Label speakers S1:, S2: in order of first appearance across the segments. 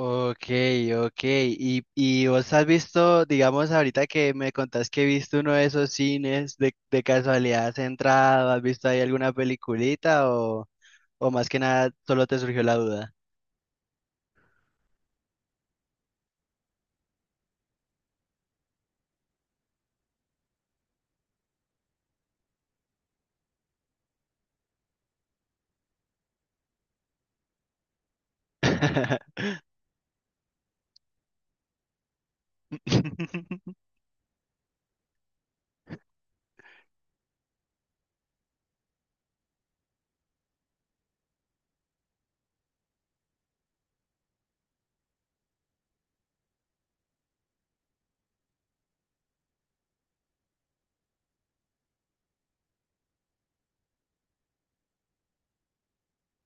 S1: Ok, ok. Y vos has visto, digamos, ahorita que me contás que viste uno de esos cines, de casualidad has entrado, has visto ahí alguna peliculita o más que nada solo te surgió la duda?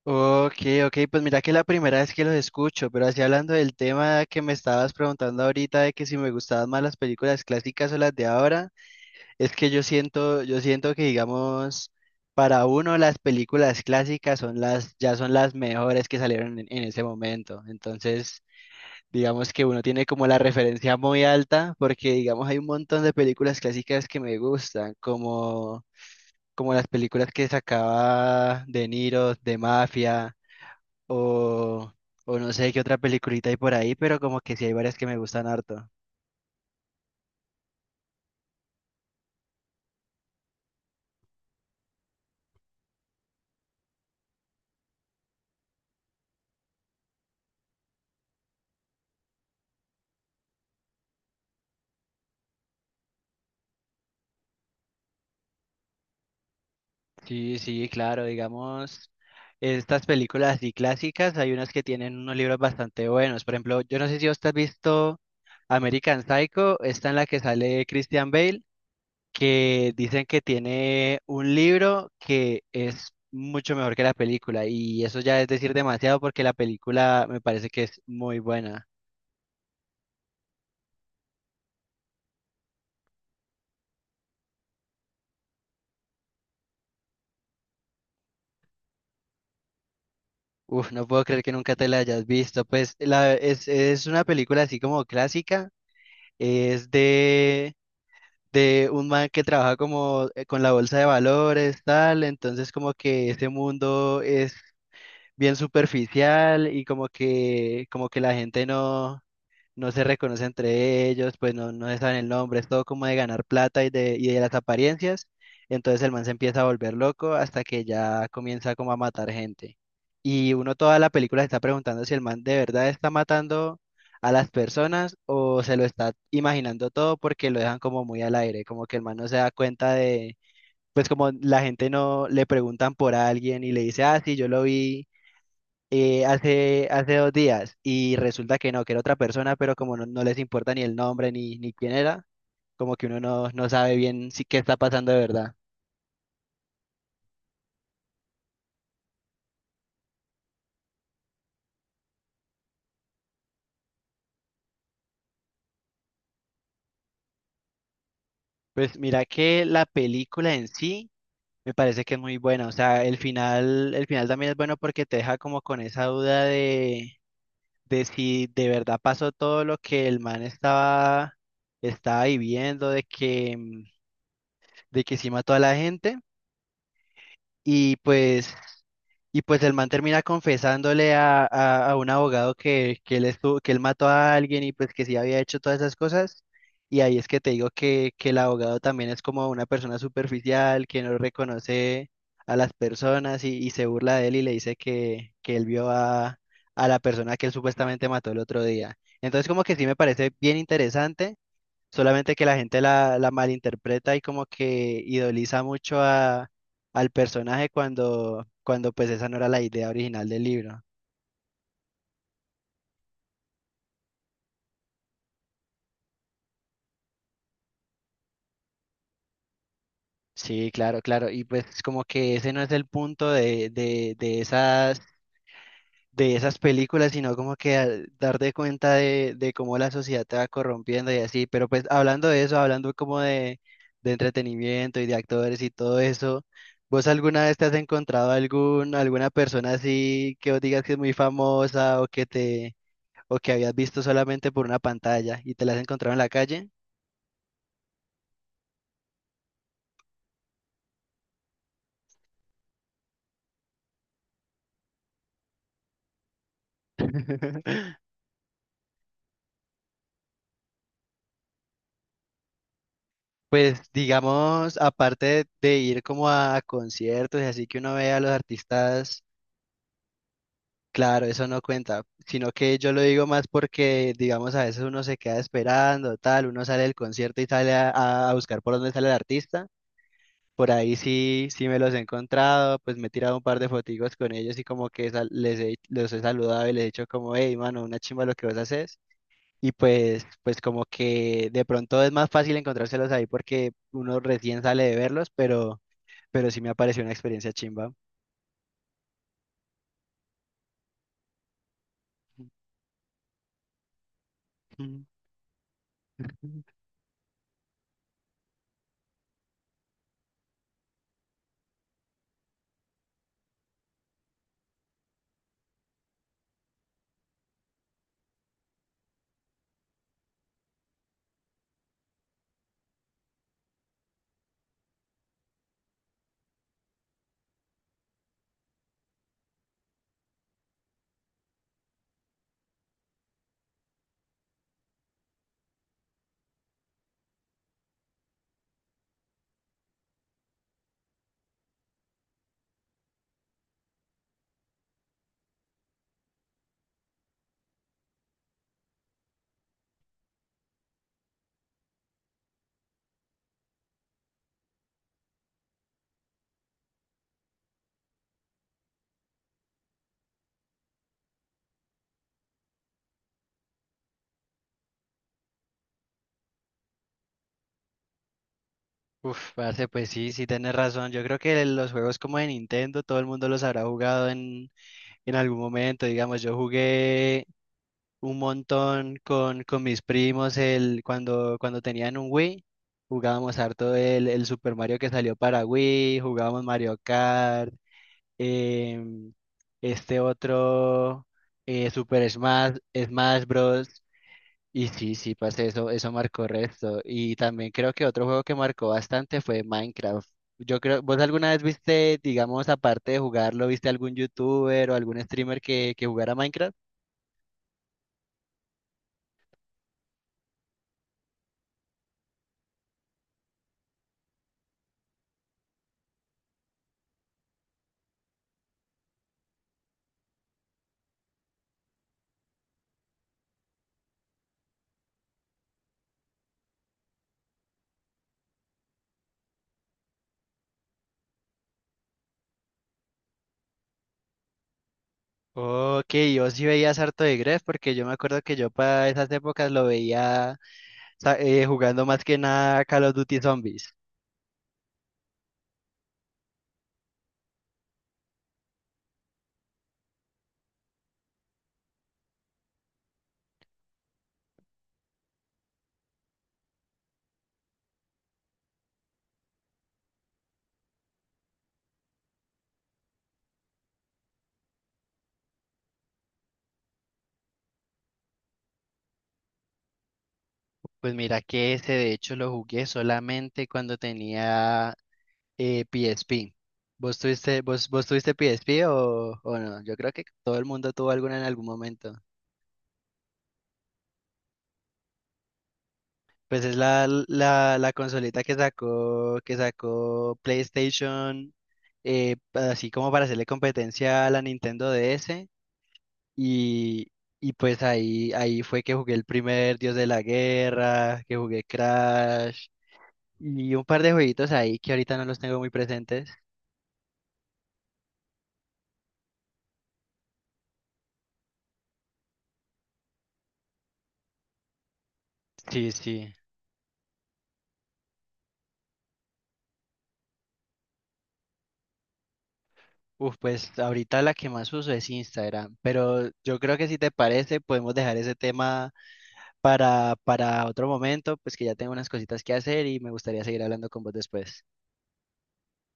S1: Ok, ok, pues mira que la primera vez que los escucho, pero así hablando del tema que me estabas preguntando ahorita de que si me gustaban más las películas clásicas o las de ahora. Es que yo siento que digamos, para uno las películas clásicas son las, ya son las mejores que salieron en ese momento. Entonces, digamos que uno tiene como la referencia muy alta, porque digamos hay un montón de películas clásicas que me gustan, como, como las películas que sacaba De Niro, de Mafia, o, o no sé qué otra peliculita hay por ahí, pero como que sí hay varias que me gustan harto. Sí, sí, claro, digamos, estas películas así clásicas, hay unas que tienen unos libros bastante buenos. Por ejemplo, yo no sé si vos has visto American Psycho, esta en la que sale Christian Bale, que dicen que tiene un libro que es mucho mejor que la película, y eso ya es decir demasiado porque la película me parece que es muy buena. Uf, no puedo creer que nunca te la hayas visto. Pues la, es una película así como clásica, es de un man que trabaja como con la bolsa de valores, tal, entonces como que este mundo es bien superficial y como que la gente no se reconoce entre ellos, pues no, no se saben el nombre, es todo como de ganar plata y de las apariencias. Entonces el man se empieza a volver loco hasta que ya comienza como a matar gente. Y uno toda la película se está preguntando si el man de verdad está matando a las personas o se lo está imaginando todo porque lo dejan como muy al aire, como que el man no se da cuenta de, pues como la gente no le preguntan por alguien y le dice, ah, sí, yo lo vi hace dos días y resulta que no, que era otra persona, pero como no, no les importa ni el nombre ni, ni quién era, como que uno no, no sabe bien si qué está pasando de verdad. Pues mira que la película en sí me parece que es muy buena, o sea, el final también es bueno porque te deja como con esa duda de si de verdad pasó todo lo que el man estaba viviendo, de que, de que sí mató a la gente y pues, y pues el man termina confesándole a un abogado que él estuvo, que él mató a alguien y pues que sí había hecho todas esas cosas. Y ahí es que te digo que el abogado también es como una persona superficial, que no reconoce a las personas y se burla de él y le dice que él vio a la persona que él supuestamente mató el otro día. Entonces como que sí me parece bien interesante. Solamente que la gente la, la malinterpreta y como que idoliza mucho a, al personaje cuando, cuando pues esa no era la idea original del libro. Sí, claro, claro. Y pues como que ese no es el punto de, de esas, de esas películas, sino como que al darte cuenta de cómo la sociedad te va corrompiendo y así. Pero pues hablando de eso, hablando como de entretenimiento y de actores y todo eso, ¿vos alguna vez te has encontrado algún, alguna persona así que vos digas que es muy famosa o que te, o que habías visto solamente por una pantalla y te la has encontrado en la calle? Pues digamos, aparte de ir como a conciertos y así que uno ve a los artistas. Claro, eso no cuenta, sino que yo lo digo más porque, digamos, a veces uno se queda esperando, tal, uno sale del concierto y sale a buscar por dónde sale el artista. Por ahí sí, sí me los he encontrado, pues me he tirado un par de fotigos con ellos y como que sal- les he, los he saludado y les he dicho como, hey, mano, una chimba lo que vos haces. Y pues, pues como que de pronto es más fácil encontrárselos ahí porque uno recién sale de verlos, pero sí me ha parecido una experiencia chimba. Uf, parce, pues sí, sí tenés razón. Yo creo que los juegos como de Nintendo, todo el mundo los habrá jugado en algún momento. Digamos, yo jugué un montón con mis primos el, cuando, cuando tenían un Wii. Jugábamos harto el Super Mario que salió para Wii, jugábamos Mario Kart, em, este otro Super Smash, Smash Bros. Y sí, sí, parce, eso marcó resto. Y también creo que otro juego que marcó bastante fue Minecraft. Yo creo, ¿vos alguna vez viste, digamos, aparte de jugarlo, viste algún youtuber o algún streamer que jugara Minecraft? Ok, yo sí veía harto de Gref porque yo me acuerdo que yo para esas épocas lo veía sa- jugando más que nada Call of Duty Zombies. Pues mira que ese de hecho lo jugué solamente cuando tenía PSP. ¿Vos tuviste, vos, vos tuviste PSP o no? Yo creo que todo el mundo tuvo alguna en algún momento. Pues es la, la, la consolita que sacó PlayStation, así como para hacerle competencia a la Nintendo DS. Y, y pues ahí, ahí fue que jugué el primer Dios de la Guerra, que jugué Crash y un par de jueguitos ahí que ahorita no los tengo muy presentes. Sí, sí. Uf, pues ahorita la que más uso es Instagram, pero yo creo que si te parece podemos dejar ese tema para otro momento, pues que ya tengo unas cositas que hacer y me gustaría seguir hablando con vos después.